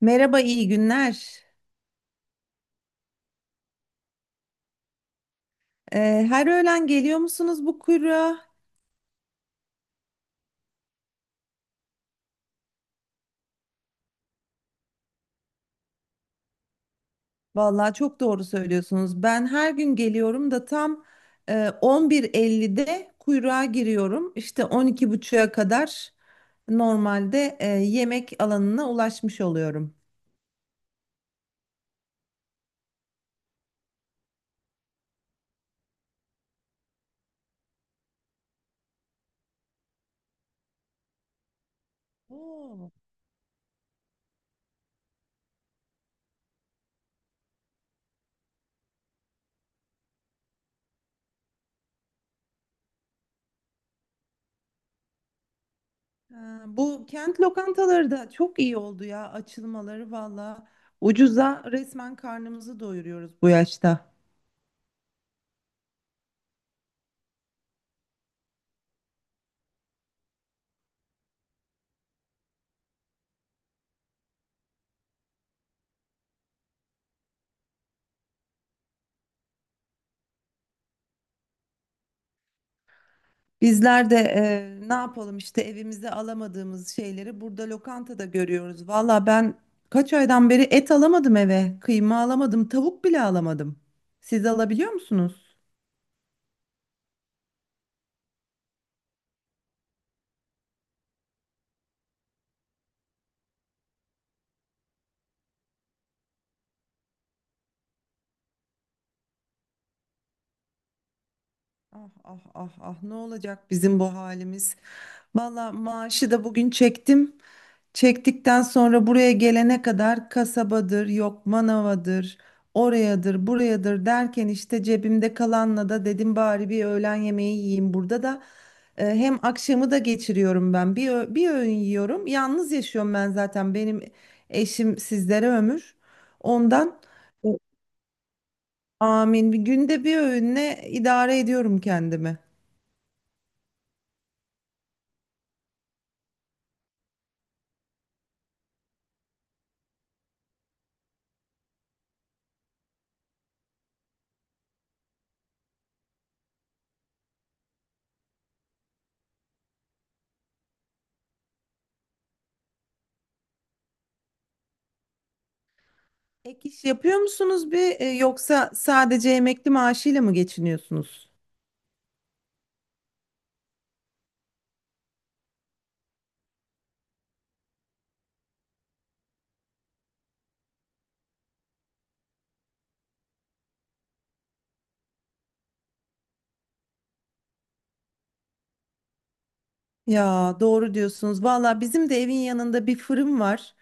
Merhaba, iyi günler. Her öğlen geliyor musunuz bu kuyruğa? Vallahi çok doğru söylüyorsunuz. Ben her gün geliyorum da tam e, 11.50'de kuyruğa giriyorum. İşte 12.30'a kadar normalde yemek alanına ulaşmış oluyorum. Oo. Ha, bu kent lokantaları da çok iyi oldu ya açılmaları valla. Ucuza resmen karnımızı doyuruyoruz bu yaşta. Bizler de ne yapalım işte evimize alamadığımız şeyleri burada lokantada görüyoruz. Valla ben kaç aydan beri et alamadım eve, kıyma alamadım, tavuk bile alamadım. Siz alabiliyor musunuz? Ah ah ah ah, ne olacak bizim bu halimiz? Valla maaşı da bugün çektim. Çektikten sonra buraya gelene kadar kasabadır, yok manavadır, orayadır, burayadır derken işte cebimde kalanla da dedim bari bir öğlen yemeği yiyeyim burada da. Hem akşamı da geçiriyorum ben. Bir öğün yiyorum. Yalnız yaşıyorum ben zaten. Benim eşim sizlere ömür. Ondan e, Amin. Bir günde bir öğünle idare ediyorum kendimi. Ek iş yapıyor musunuz bir yoksa sadece emekli maaşıyla mı geçiniyorsunuz? Ya doğru diyorsunuz. Valla bizim de evin yanında bir fırın var.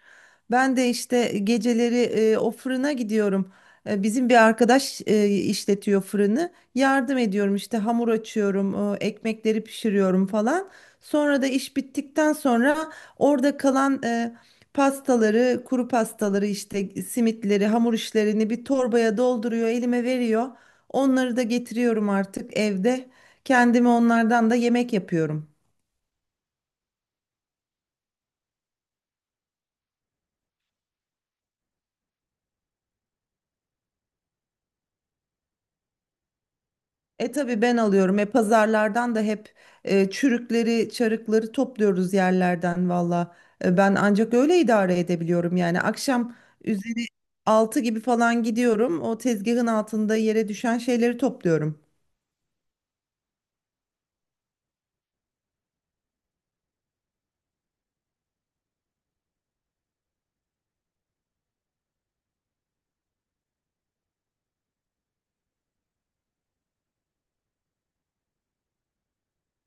Ben de işte geceleri o fırına gidiyorum. Bizim bir arkadaş işletiyor fırını. Yardım ediyorum işte hamur açıyorum, ekmekleri pişiriyorum falan. Sonra da iş bittikten sonra orada kalan pastaları, kuru pastaları işte simitleri, hamur işlerini bir torbaya dolduruyor, elime veriyor. Onları da getiriyorum artık evde. Kendime onlardan da yemek yapıyorum. E, tabii ben alıyorum. E, pazarlardan da hep çürükleri, çarıkları topluyoruz yerlerden valla. E, ben ancak öyle idare edebiliyorum. Yani akşam üzeri altı gibi falan gidiyorum. O tezgahın altında yere düşen şeyleri topluyorum.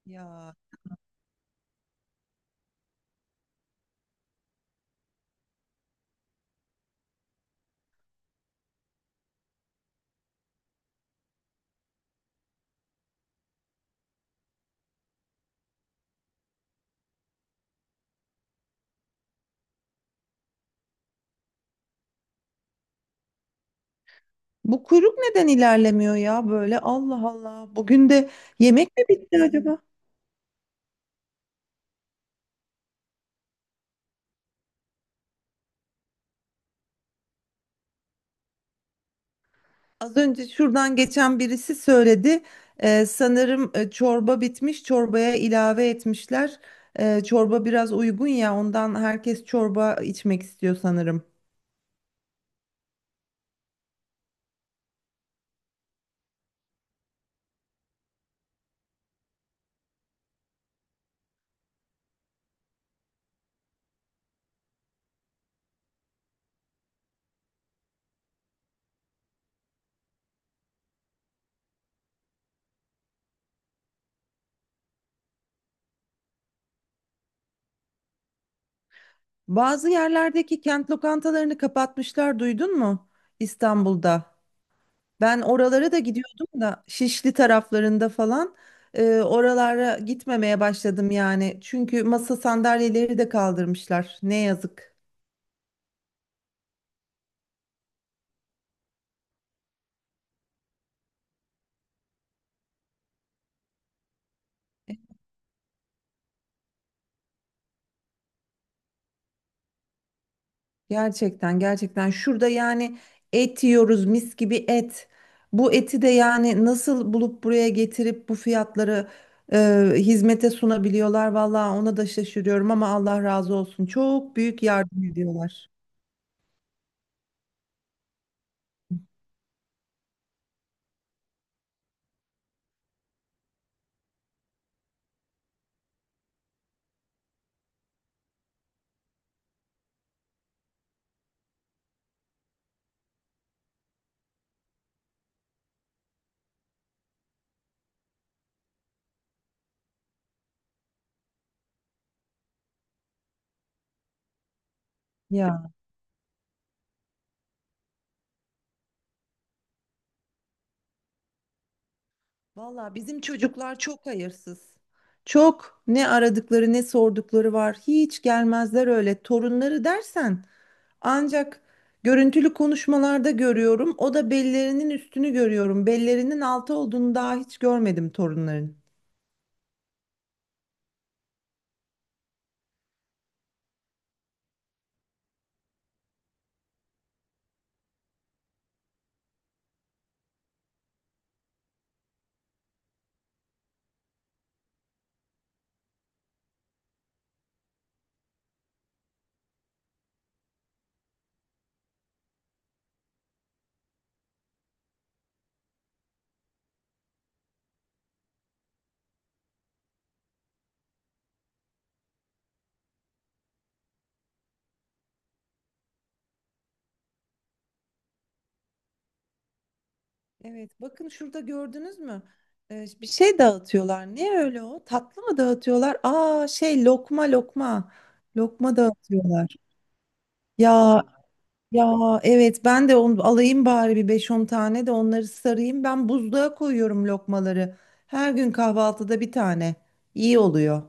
Ya, bu kuyruk neden ilerlemiyor ya böyle? Allah Allah. Bugün de yemek mi bitti acaba? Az önce şuradan geçen birisi söyledi. Sanırım çorba bitmiş, çorbaya ilave etmişler. Çorba biraz uygun ya, ondan herkes çorba içmek istiyor sanırım. Bazı yerlerdeki kent lokantalarını kapatmışlar, duydun mu? İstanbul'da. Ben oralara da gidiyordum da Şişli taraflarında falan oralara gitmemeye başladım yani. Çünkü masa sandalyeleri de kaldırmışlar. Ne yazık. Gerçekten, gerçekten şurada yani et yiyoruz, mis gibi et. Bu eti de yani nasıl bulup buraya getirip bu fiyatları hizmete sunabiliyorlar. Vallahi ona da şaşırıyorum ama Allah razı olsun. Çok büyük yardım ediyorlar. Ya valla bizim çocuklar çok hayırsız. Çok ne aradıkları ne sordukları var. Hiç gelmezler öyle. Torunları dersen ancak görüntülü konuşmalarda görüyorum. O da bellerinin üstünü görüyorum. Bellerinin altı olduğunu daha hiç görmedim torunların. Evet, bakın şurada gördünüz mü? Bir şey dağıtıyorlar. Ne öyle o? Tatlı mı dağıtıyorlar? Aa, şey, lokma lokma. Lokma dağıtıyorlar. Ya, ya, evet, ben de onu alayım bari, bir beş on tane de onları sarayım. Ben buzluğa koyuyorum lokmaları. Her gün kahvaltıda bir tane. İyi oluyor.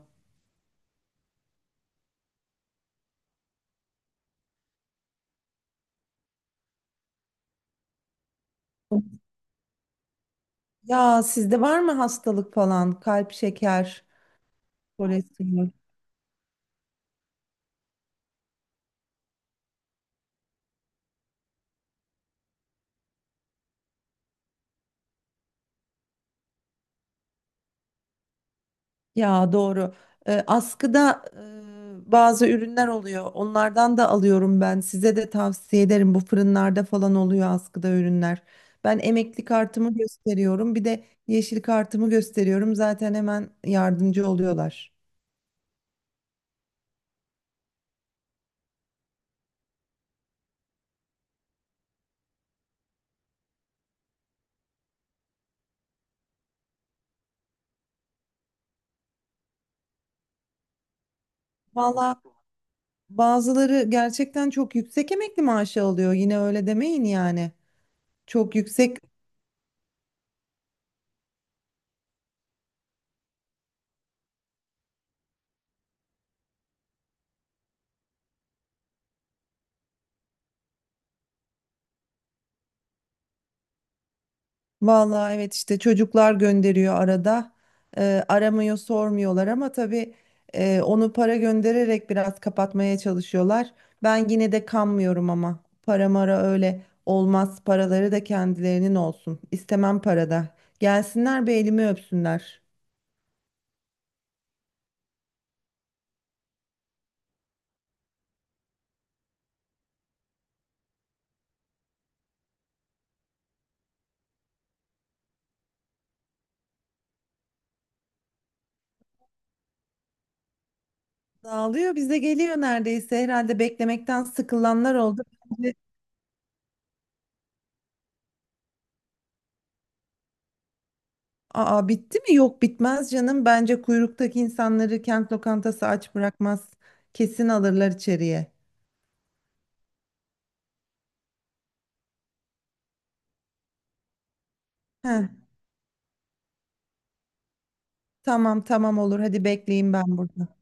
Ya, sizde var mı hastalık falan? Kalp, şeker, kolesterol? Ya doğru. Askıda bazı ürünler oluyor. Onlardan da alıyorum ben. Size de tavsiye ederim. Bu fırınlarda falan oluyor askıda ürünler. Ben emekli kartımı gösteriyorum. Bir de yeşil kartımı gösteriyorum. Zaten hemen yardımcı oluyorlar. Valla bazıları gerçekten çok yüksek emekli maaşı alıyor. Yine öyle demeyin yani. Çok yüksek. Vallahi evet, işte çocuklar gönderiyor arada. Aramıyor, sormuyorlar ama tabii, onu para göndererek biraz kapatmaya çalışıyorlar. Ben yine de kanmıyorum, ama para mara öyle olmaz. Paraları da kendilerinin olsun. İstemem para da. Gelsinler bir elimi öpsünler. Dağılıyor, bize geliyor neredeyse. Herhalde beklemekten sıkılanlar oldu. Bence- Aa, bitti mi? Yok, bitmez canım. Bence kuyruktaki insanları kent lokantası aç bırakmaz. Kesin alırlar içeriye. Heh, tamam, tamam, olur. Hadi bekleyeyim ben burada.